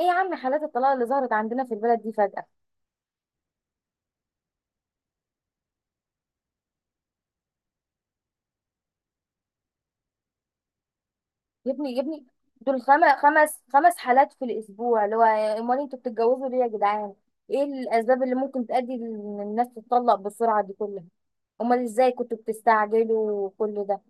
ايه يا عم، حالات الطلاق اللي ظهرت عندنا في البلد دي فجأة؟ يا ابني يا ابني، دول خمس حالات في الاسبوع، اللي هو امال انتوا بتتجوزوا ليه يا جدعان؟ ايه الاسباب اللي ممكن تؤدي ان الناس تتطلق بالسرعة دي كلها؟ امال ازاي كنتوا بتستعجلوا كل ده؟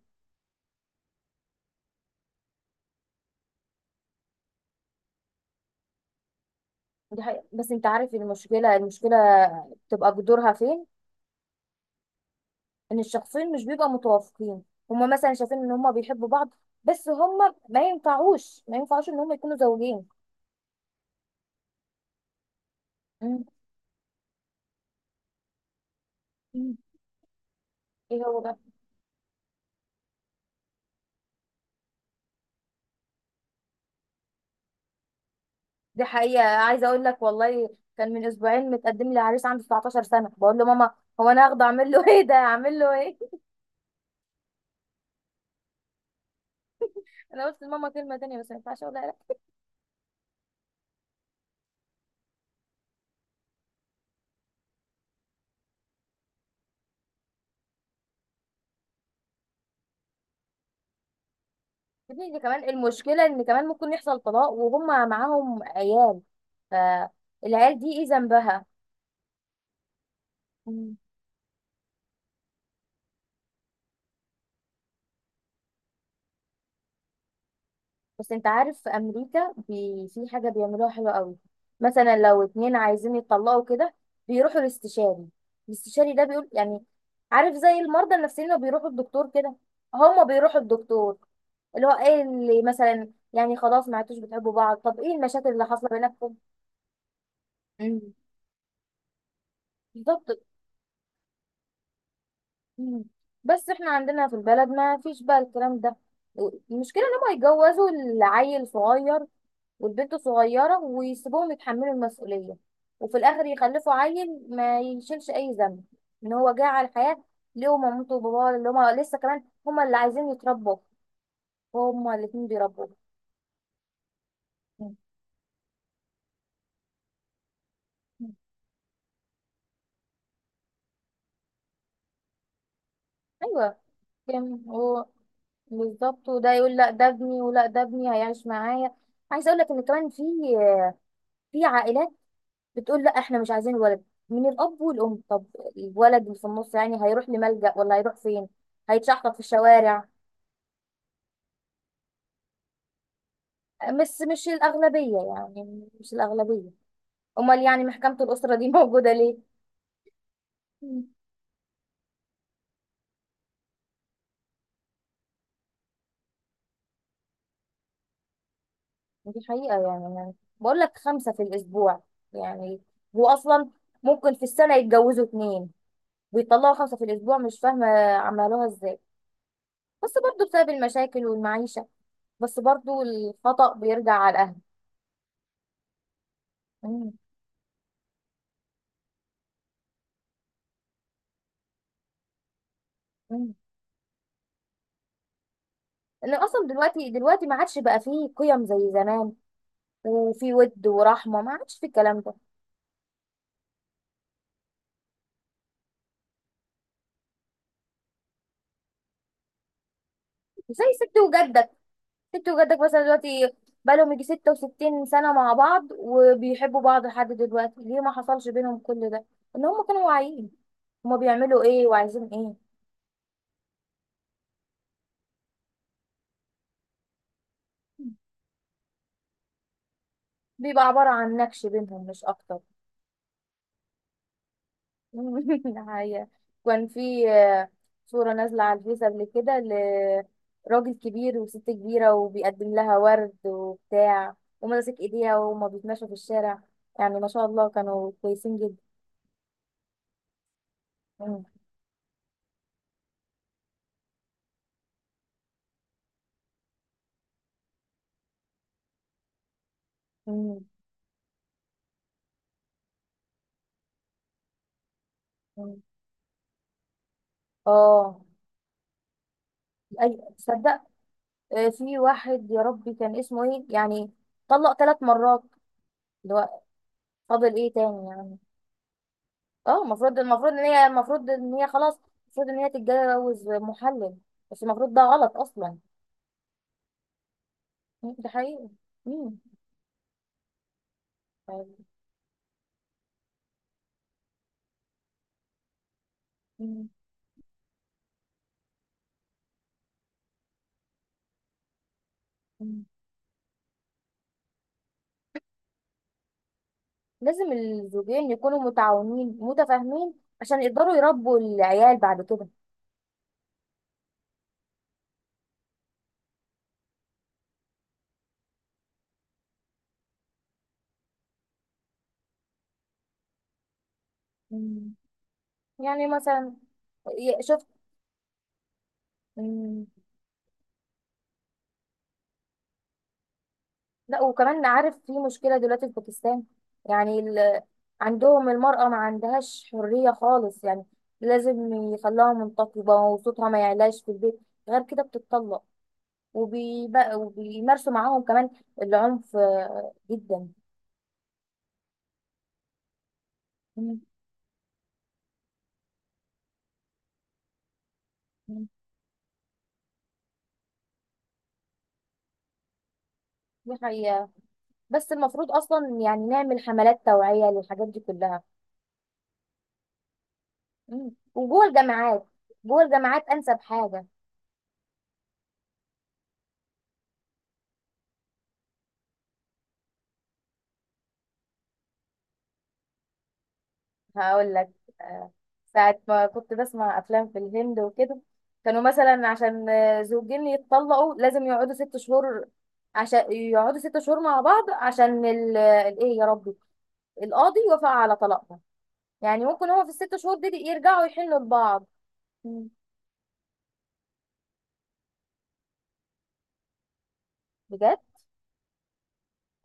دي حقيقة. بس انت عارف المشكلة بتبقى جذورها فين؟ ان الشخصين مش بيبقوا متوافقين. هما مثلا شايفين ان هما بيحبوا بعض، بس هما ما ينفعوش ان هما يكونوا زوجين. مم. ايه هو ده. دي حقيقة، عايزة اقول لك، والله كان من اسبوعين متقدم لي عريس عنده 19 سنة، بقول له ماما هو انا هاخده اعمل له ايه ده، اعمل له ايه؟ انا قلت لماما كلمة تانية بس ما ينفعش اقولها، لا. يا ابني دي كمان المشكلة، ان كمان ممكن يحصل طلاق وهم معاهم عيال، فالعيال دي ايه ذنبها؟ مم. بس انت عارف في امريكا في حاجة بيعملوها حلوة قوي. مثلا لو اتنين عايزين يتطلقوا كده، بيروحوا الاستشاري. الاستشاري ده بيقول يعني، عارف زي المرضى النفسيين اللي بيروحوا الدكتور كده. هما بيروحوا الدكتور اللي هو ايه اللي مثلا يعني، خلاص ما عدتوش بتحبوا بعض، طب ايه المشاكل اللي حاصله بينكم؟ مم. بالظبط. مم. بس احنا عندنا في البلد ما فيش بقى الكلام ده. المشكله ان هم يتجوزوا العيل صغير والبنت صغيره، ويسيبوهم يتحملوا المسؤوليه، وفي الاخر يخلفوا عيل ما يشيلش اي ذنب ان هو جه على الحياه، ليه مامته وباباه اللي هم لسه كمان هم اللي عايزين يتربوا، هم الاتنين بيربوا. مم. ايوه. كان هو، بالظبط. وده يقول لا ده ابني، ولا ده ابني هيعيش معايا. عايزه اقول لك ان كمان في عائلات بتقول لا احنا مش عايزين ولد من الاب والام. طب الولد اللي في النص يعني هيروح لملجأ ولا هيروح فين؟ هيتشحطط في الشوارع. بس مش الاغلبيه، يعني مش الاغلبيه. امال يعني محكمه الاسره دي موجوده ليه؟ مم. دي حقيقه، يعني أنا بقول لك 5 في الاسبوع. يعني هو اصلا ممكن في السنه يتجوزوا اتنين، بيطلعوا 5 في الأسبوع، مش فاهمة عملوها ازاي. بس برضو بسبب المشاكل والمعيشة، بس برضو الخطأ بيرجع على الأهل. مم. مم. إن أصلا دلوقتي ما عادش بقى فيه قيم زي زمان، وفي ود ورحمة ما عادش في الكلام ده. زي ست وجدك، ست وجدك مثلا دلوقتي بقالهم يجي 66 سنة مع بعض، وبيحبوا بعض لحد دلوقتي. ليه ما حصلش بينهم كل ده؟ إن هم كانوا واعيين هما بيعملوا ايه وعايزين ايه. بيبقى عبارة عن نكش بينهم مش أكتر. الحقيقة كان في صورة نازلة على الفيس قبل كده، لراجل كبير وست كبيرة، وبيقدم لها ورد وبتاع، وماسك ايديها وهما بيتمشوا في الشارع. يعني ما شاء الله كانوا كويسين جدا. مم. مم. مم. اه، اي تصدق. في واحد يا ربي كان اسمه ايه يعني، طلق 3 مرات. اللي هو فاضل ايه تاني يعني؟ اه، المفروض ان هي، المفروض ان هي خلاص، المفروض ان هي تتجوز محلل، بس المفروض ده غلط اصلا. ده حقيقي. مم. طيب. مم. مم. لازم الزوجين يكونوا متعاونين متفاهمين عشان يقدروا يربوا العيال بعد كده. مم. يعني مثلا، شفت. مم. لا وكمان عارف في مشكلة دلوقتي في باكستان. يعني عندهم المرأة ما عندهاش حرية خالص. يعني لازم يخلوها منتقبة وصوتها ما يعلاش في البيت، غير كده بتتطلق. وبيبقى وبيمارسوا معاهم كمان العنف جدا. مم. دي حقيقة. بس المفروض أصلا يعني نعمل حملات توعية للحاجات دي كلها. مم. وجوه الجامعات، جوه الجامعات أنسب حاجة. هقول لك، آه، ساعة ما كنت بسمع أفلام في الهند وكده، كانوا مثلا عشان زوجين يتطلقوا لازم يقعدوا 6 شهور. عشان يقعدوا 6 شهور مع بعض عشان ال- الإيه يا ربي، القاضي يوافق على طلاقهم. يعني ممكن هو في الـ6 شهور دي يرجعوا يحلوا لبعض. مم. بجد،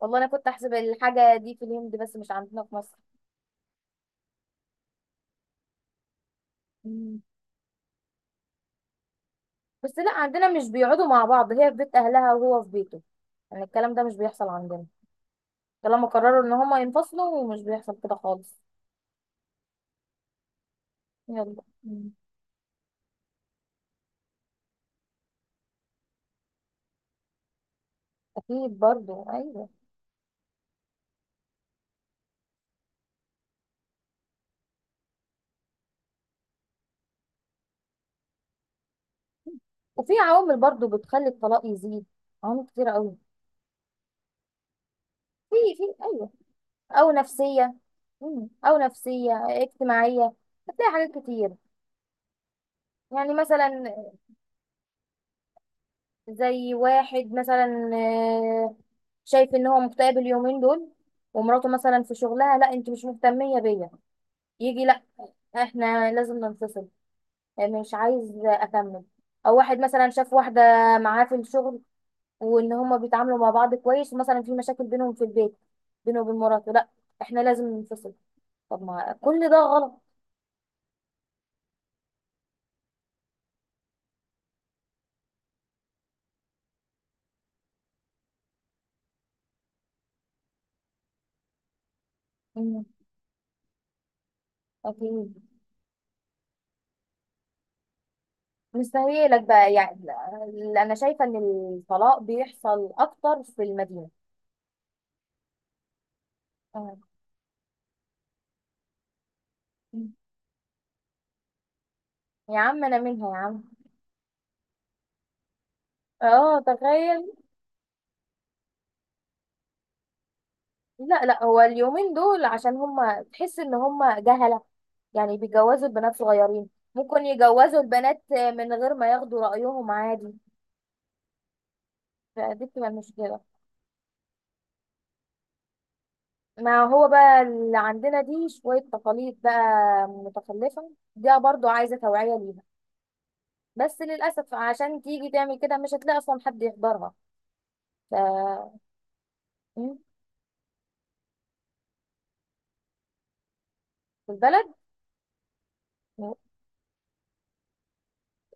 والله أنا كنت أحسب الحاجة دي في الهند بس مش عندنا في مصر. بس لا عندنا مش بيقعدوا مع بعض، هي في بيت اهلها وهو في بيته. يعني الكلام ده مش بيحصل عندنا، طالما قرروا ان هما ينفصلوا ومش بيحصل كده خالص. يلا. مم. اكيد برضو ايوه. وفي عوامل برضو بتخلي الطلاق يزيد، عوامل كتيرة قوي. في ايوه، او نفسيه. مم. او نفسيه، اجتماعيه، هتلاقي حاجات كتير. يعني مثلا زي واحد مثلا شايف ان هو مكتئب اليومين دول، ومراته مثلا في شغلها، لا انت مش مهتميه بيا، يجي احنا لازم ننفصل، يعني مش عايز اكمل. او واحد مثلا شاف واحده معاه في الشغل، وان هما بيتعاملوا مع بعض كويس، ومثلا في مشاكل بينهم في البيت، بينه وبين مراته، لا احنا لازم ننفصل. طب ما كل ده غلط. مم. اكيد. مستهيئلك بقى يعني، لا، انا شايفه ان الطلاق بيحصل اكتر في المدينه. آه. يا عم انا منها يا عم. اه تخيل. لا لا، هو اليومين دول عشان هما تحس ان هما جهلة، يعني بيجوزوا البنات صغيرين. ممكن يجوزوا البنات من غير ما ياخدوا رأيهم عادي، فدي بتبقى المشكلة. ما هو بقى اللي عندنا دي شوية تقاليد بقى متخلفة، دي برضو عايزة توعية ليها. بس للأسف عشان تيجي تعمل كده مش هتلاقي أصلا حد يحضرها. ف، م، في البلد،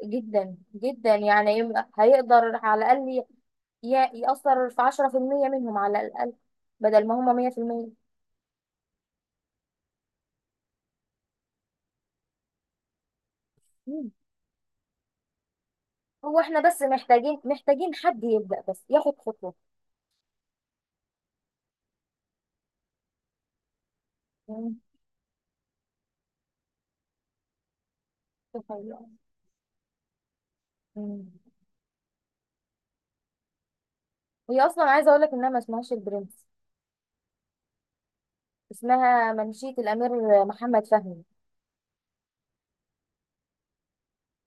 جدا جدا يعني، هيقدر على الأقل يأثر في 10% منهم على الأقل، بدل ما هما 100%. مم. هو احنا بس محتاجين حد يبدأ بس ياخد خطوة. مم. دي حقيقة. مم. هي أصلا عايزة أقولك إنها ما اسمهاش البرنس، اسمها منشية الأمير محمد فهمي.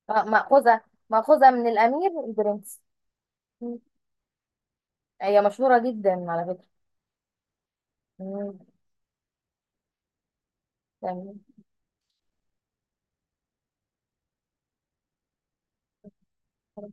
آه، مأخوذة من الأمير البرنس. مم. هي مشهورة جدا على فكرة. مم. تمام.